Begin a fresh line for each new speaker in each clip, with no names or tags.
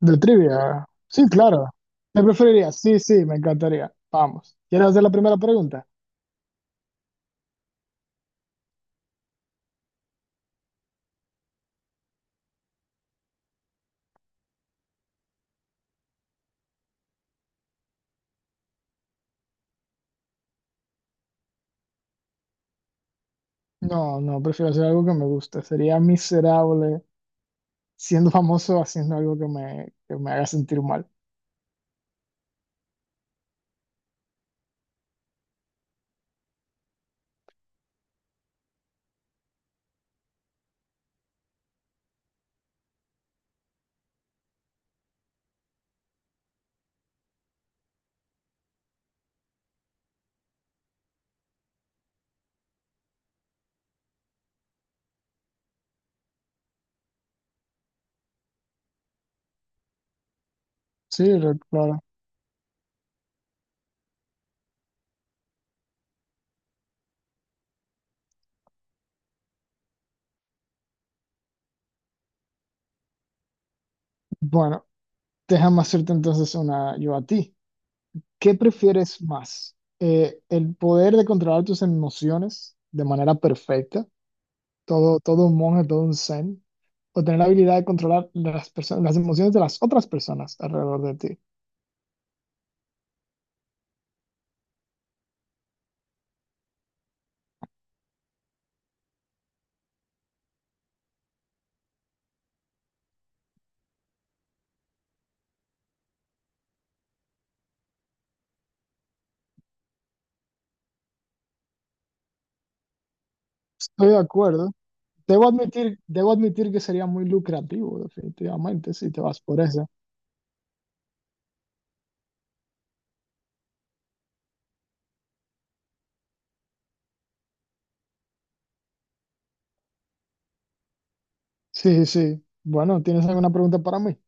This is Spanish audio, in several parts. De trivia. Sí, claro. ¿Me preferiría? Sí, sí, me encantaría. Vamos. ¿Quieres hacer la primera pregunta? No, no, prefiero hacer algo que me guste. Sería miserable siendo famoso haciendo algo que me haga sentir mal. Claro. Bueno, déjame hacerte entonces una yo a ti. ¿Qué prefieres más? ¿El poder de controlar tus emociones de manera perfecta? Todo un monje, todo un zen. ¿O tener la habilidad de controlar las personas, las emociones de las otras personas alrededor de ti? Estoy de acuerdo. Debo admitir que sería muy lucrativo, definitivamente, si te vas por eso. Sí, sí. Bueno, ¿tienes alguna pregunta para mí?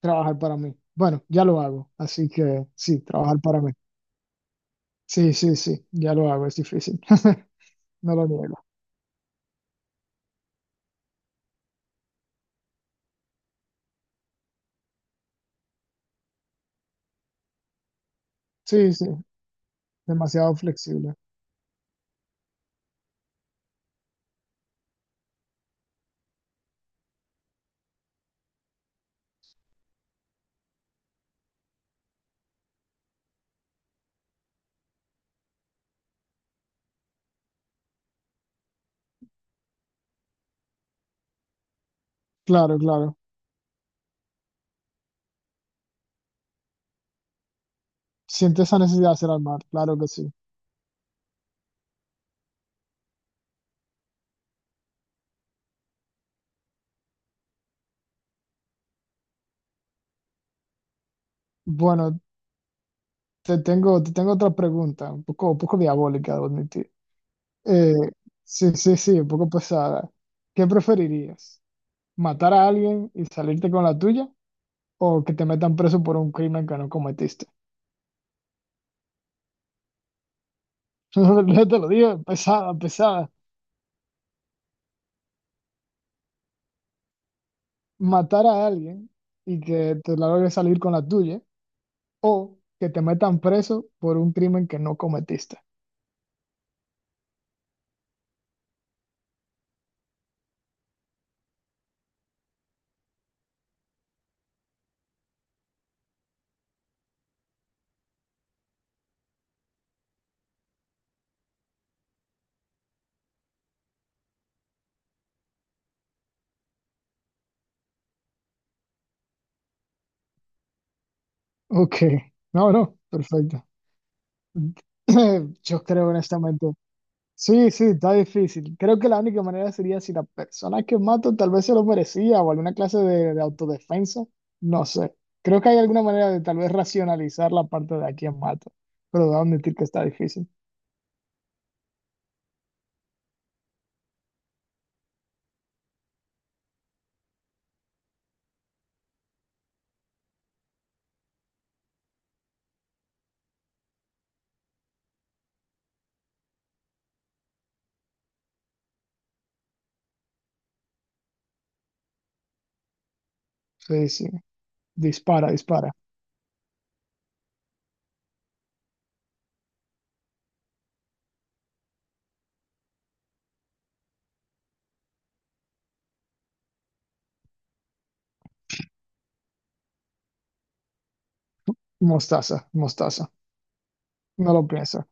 Trabajar para mí. Bueno, ya lo hago. Así que sí, trabajar para mí. Sí, sí, sí. Ya lo hago. Es difícil. No lo niego. Sí, sí. Demasiado flexible. Claro, claro. Siente esa necesidad de hacer al mar. Claro que sí. Bueno, te tengo otra pregunta. Un poco diabólica, debo admitir. Eh, sí, sí, sí. Un poco pesada. ¿Qué preferirías? Matar a alguien y salirte con la tuya, o que te metan preso por un crimen que no cometiste. Yo te lo digo, pesada, pesada. Matar a alguien y que te la logres salir con la tuya, o que te metan preso por un crimen que no cometiste. Ok, no, no, perfecto. Yo creo honestamente. Sí, sí, está difícil. Creo que la única manera sería si la persona que mato tal vez se lo merecía o alguna clase de autodefensa. No sé. Creo que hay alguna manera de tal vez racionalizar la parte de a quién mato. Pero debo admitir que está difícil. Sí, sí. Dispara, dispara. Mostaza, mostaza. No lo pienso.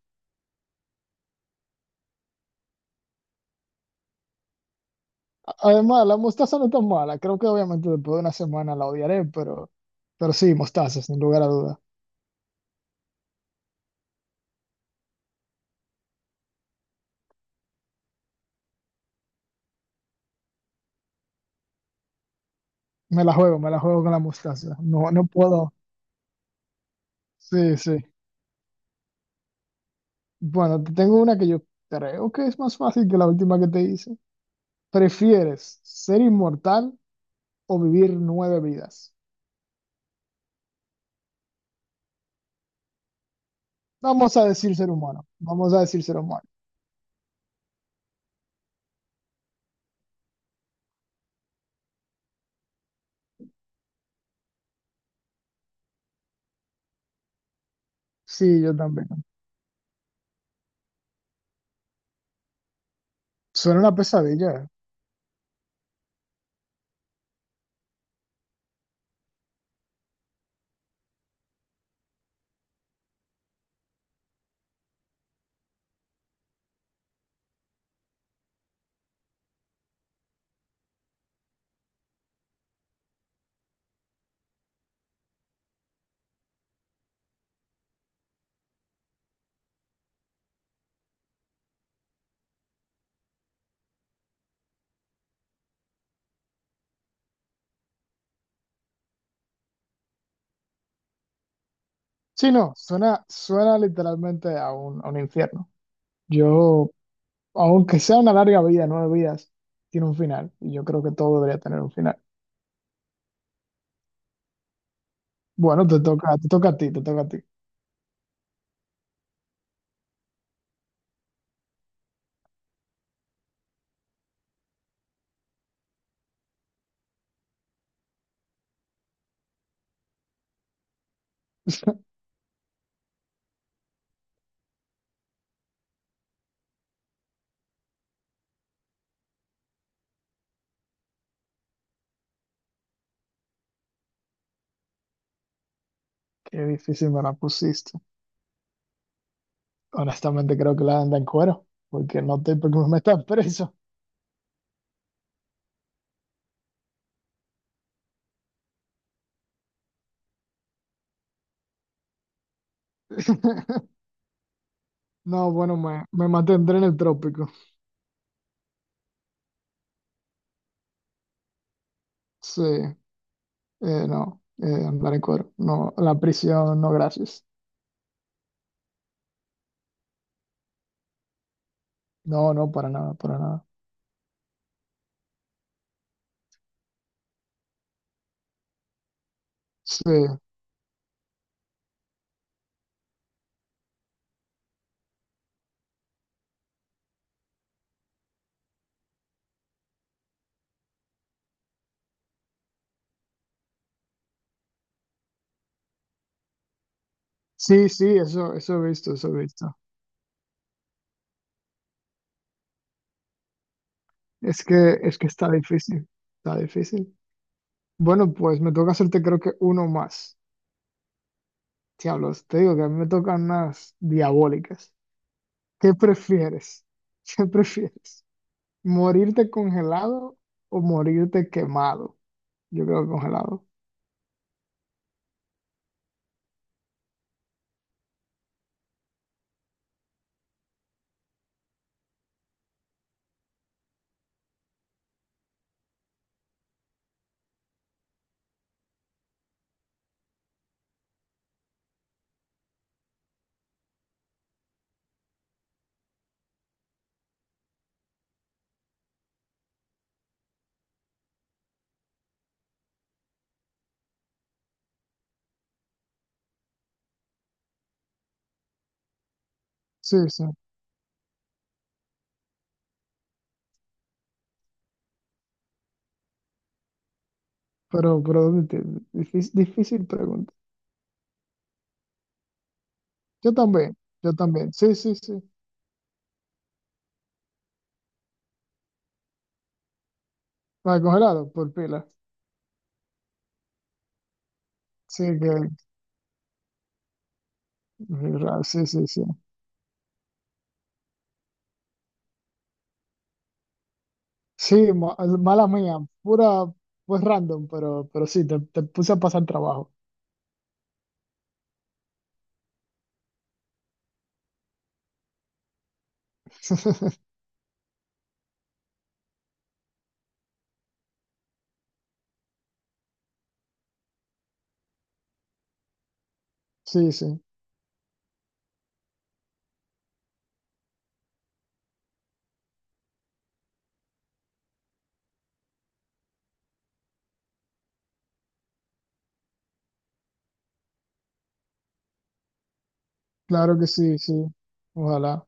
Además, la mostaza no es tan mala. Creo que obviamente después de una semana la odiaré, pero sí, mostaza, sin lugar a duda. Me la juego con la mostaza. No, no puedo. Sí, sí. Bueno, te tengo una que yo creo que es más fácil que la última que te hice. ¿Prefieres ser inmortal o vivir nueve vidas? Vamos a decir ser humano. Vamos a decir ser humano. Sí, yo también. Suena una pesadilla, ¿eh? Sí, no, suena literalmente a un infierno. Yo, aunque sea una larga vida, nueve vidas, tiene un final. Y yo creo que todo debería tener un final. Bueno, te toca a ti, te toca a ti. Qué difícil me la pusiste. Honestamente creo que la anda en cuero, porque no te porque me estás preso. No, bueno, me mantendré en el trópico. Sí, no, andar en cuero. No, la prisión, no, gracias. No, no, para nada, para nada. Sí, sí, sí, eso he visto, eso he visto. Es que está difícil, está difícil. Bueno, pues me toca hacerte creo que uno más. Diablos, te digo que a mí me tocan unas diabólicas. ¿Qué prefieres? ¿Qué prefieres? ¿Morirte congelado o morirte quemado? Yo creo que congelado. Sí, sí. Pero, difícil, difícil pregunta. Yo también, yo también. Sí, sí, sí. Para congelado, por pila. Sí, que. Sí, sí, sí. Mala mía. Pura, pues random, pero sí, te puse a pasar trabajo. Sí, sí. Claro que sí, sí. Ojalá.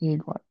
Igual.